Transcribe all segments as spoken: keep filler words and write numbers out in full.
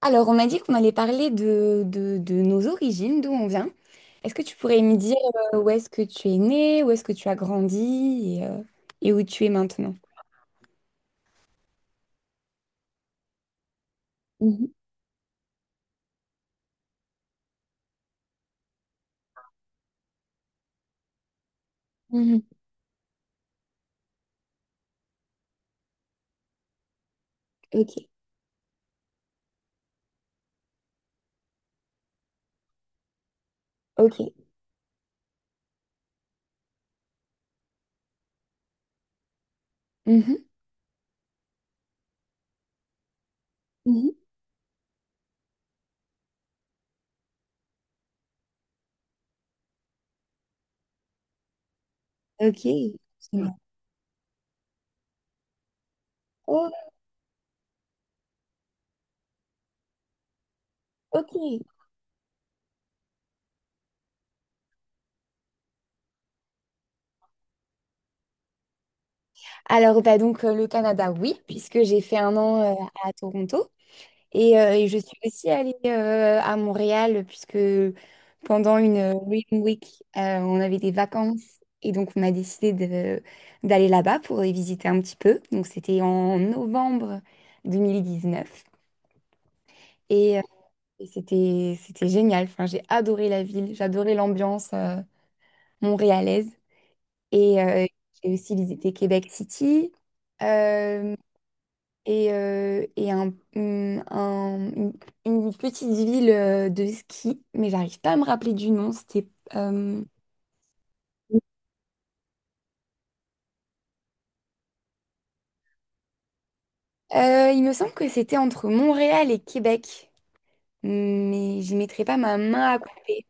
Alors, on m'a dit qu'on allait parler de, de, de nos origines, d'où on vient. Est-ce que tu pourrais me dire euh, où est-ce que tu es né, où est-ce que tu as grandi et, euh, et où tu es maintenant? Mhm, mhm. Ok, ok, mhm, mhm, ok. C'est ouais, bon. Oh, ok. Alors, bah donc euh, le Canada, oui, puisque j'ai fait un an euh, à Toronto. Et, euh, et je suis aussi allée euh, à Montréal puisque pendant une euh, Reading Week, euh, on avait des vacances et donc on a décidé de- d'aller là-bas pour y visiter un petit peu. Donc c'était en novembre deux mille dix-neuf et, euh, et c'était c'était génial. Enfin, j'ai adoré la ville, j'adorais l'ambiance euh, montréalaise et euh, j'ai aussi visité Québec City. Euh, et, euh, et un, une un- une- une petite ville euh, de ski, mais j'arrive pas à me rappeler du nom. C'était, euh, euh, il me semble que c'était entre Montréal et Québec, mais j'y mettrai pas ma main à couper.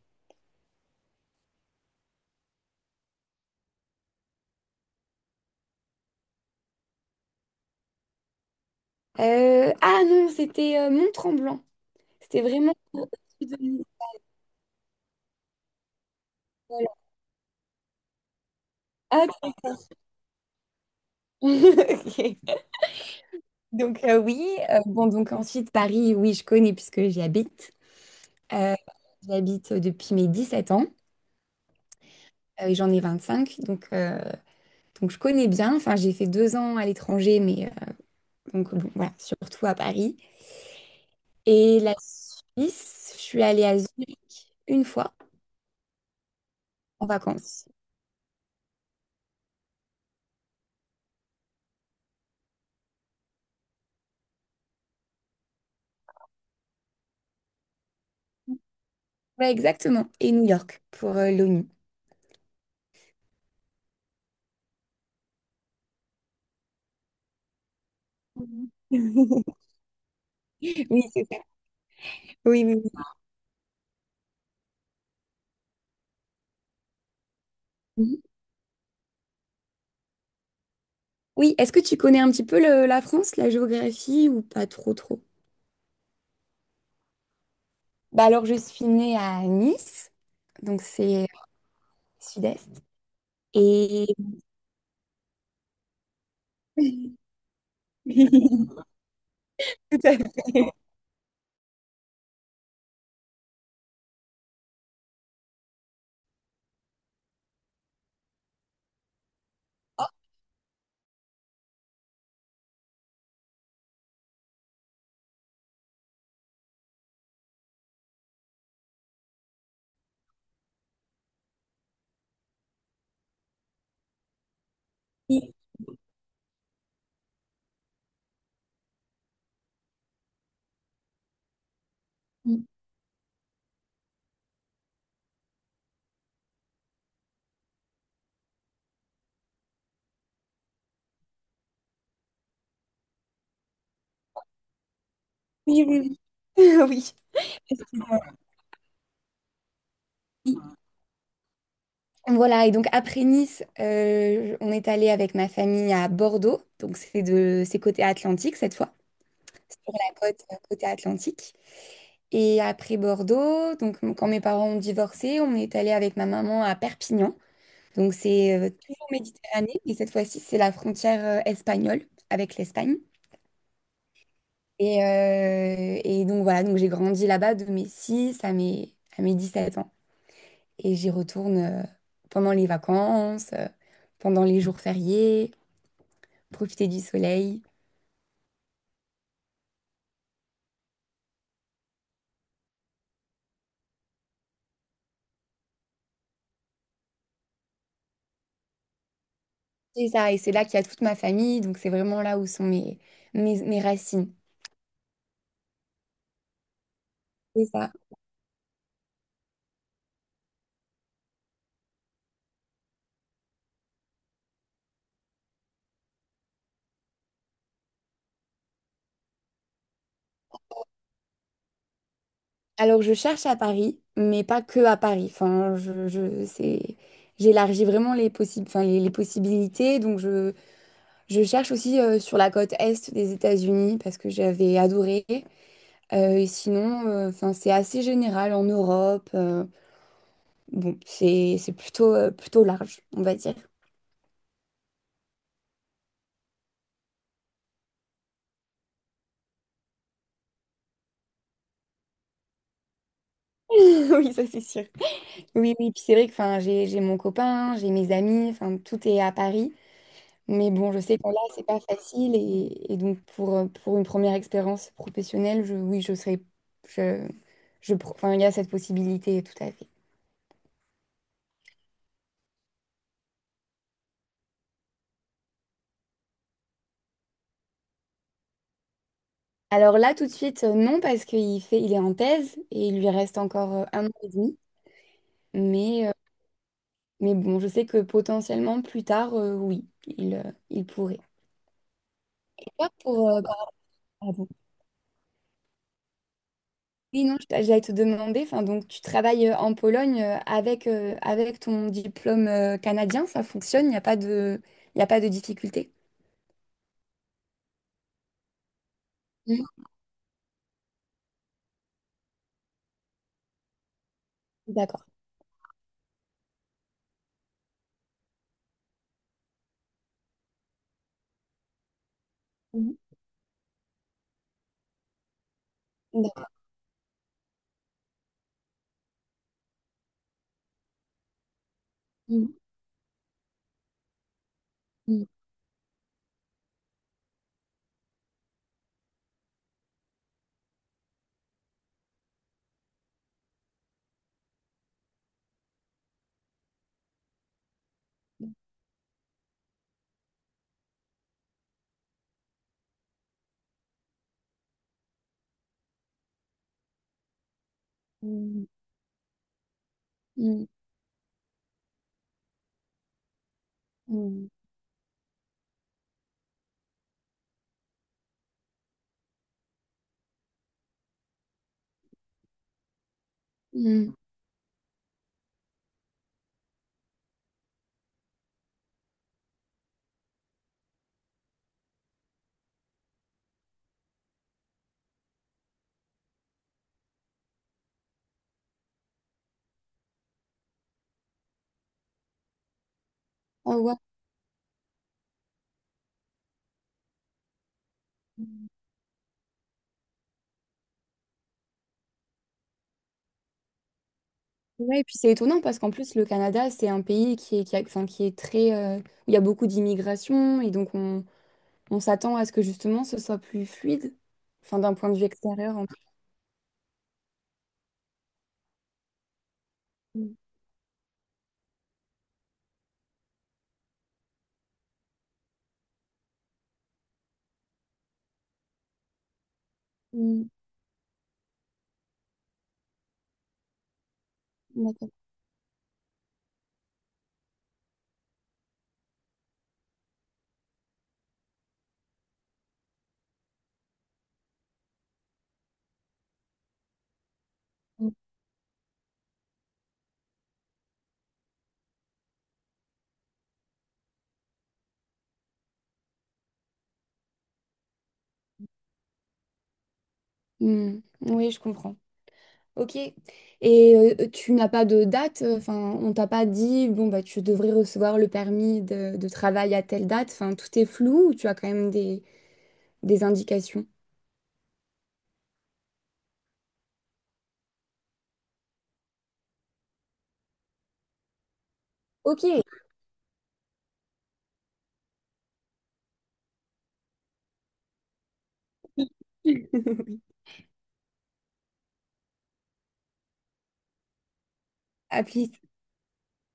Euh, ah non, c'était euh, Mont-Tremblant. C'était vraiment au sud de l'île. Voilà. Ah, ok. Donc euh, oui, euh, bon donc ensuite Paris, oui je connais puisque j'y habite. Euh, J'y habite depuis mes dix sept ans euh, et j'en ai vingt cinq donc euh, donc je connais bien, enfin j'ai fait deux ans à l'étranger, mais euh, donc bon, voilà, surtout à Paris. Et la Suisse, je suis allée à Zurich une fois en vacances. Ouais, exactement. Et New York pour euh, l'O N U. Mhm. Oui, c'est ça. Oui, oui, oui. Mhm. Oui, est-ce que tu connais un petit peu le- la France, la géographie ou pas trop trop? Bah alors je suis née à Nice, donc c'est sud-est. Et tout à fait. Oui, oui, oui. Oui. Excuse-moi. Voilà, et donc après Nice, euh, on est allé avec ma famille à Bordeaux, donc c'est de c'est côté Atlantique cette fois, sur la côte euh, côté Atlantique. Et après Bordeaux, donc m- quand mes parents ont divorcé, on est allé avec ma maman à Perpignan, donc c'est euh, toujours Méditerranée, et cette fois-ci c'est la frontière euh, espagnole avec l'Espagne. Et, euh, et donc voilà, donc j'ai grandi là-bas de mes six à mes, à mes dix-sept ans, et j'y retourne euh, pendant les vacances, euh, pendant les jours fériés, profiter du soleil. C'est ça, et c'est là qu'il y a toute ma famille, donc c'est vraiment là où sont mes, mes, mes racines. C'est ça. Alors je cherche à Paris, mais pas que à Paris. Enfin, je, je, c'est, j'élargis vraiment les possibles, enfin, les, les possibilités. Donc je, je cherche aussi euh, sur la côte est des États-Unis parce que j'avais adoré. Euh, et sinon, euh, enfin, c'est assez général en Europe. euh, Bon, c'est c'est plutôt, euh, plutôt large, on va dire. Oui, ça c'est sûr. Oui, oui, puis c'est vrai que enfin, j'ai, j'ai mon copain, j'ai mes amis, enfin, tout est à Paris. Mais bon, je sais que là, c'est pas facile. Et, et donc, pour, euh, pour une première expérience professionnelle, je, oui, je serais. Je, je, pro- enfin, il y a cette possibilité, tout à fait. Alors là, tout de suite, euh, non, parce qu'il fait, il est en thèse et il lui reste encore euh, un an et demi. Mais, euh, mais bon, je sais que potentiellement, plus tard, euh, oui, il, euh, il pourrait. Et toi, pour, euh, bah, pardon. Oui, non, je- j'allais te demander, enfin, donc tu travailles euh, en Pologne euh, avec, euh, avec ton diplôme euh, canadien, ça fonctionne, il n'y a pas de, il n'y a pas de difficulté. Mhm. D'accord. Mhm. D'accord. Mhm. Mhm. Mhm. Mhm. Mhm. Oh, ouais. Ouais, et puis c'est étonnant parce qu'en plus, le Canada, c'est un pays qui est, qui a- enfin, qui est très, euh, où il y a beaucoup d'immigration et donc on, on s'attend à ce que justement ce soit plus fluide, enfin, d'un point de vue extérieur en tout cas. Mhm. Mhm. D'accord. Hmm, oui, je comprends. Ok. Et euh, tu n'as pas de date, enfin, on t'a pas dit, bon, bah, tu devrais recevoir le permis de, de travail à telle date, enfin, tout est flou ou tu as quand même des, des indications? Ok. applique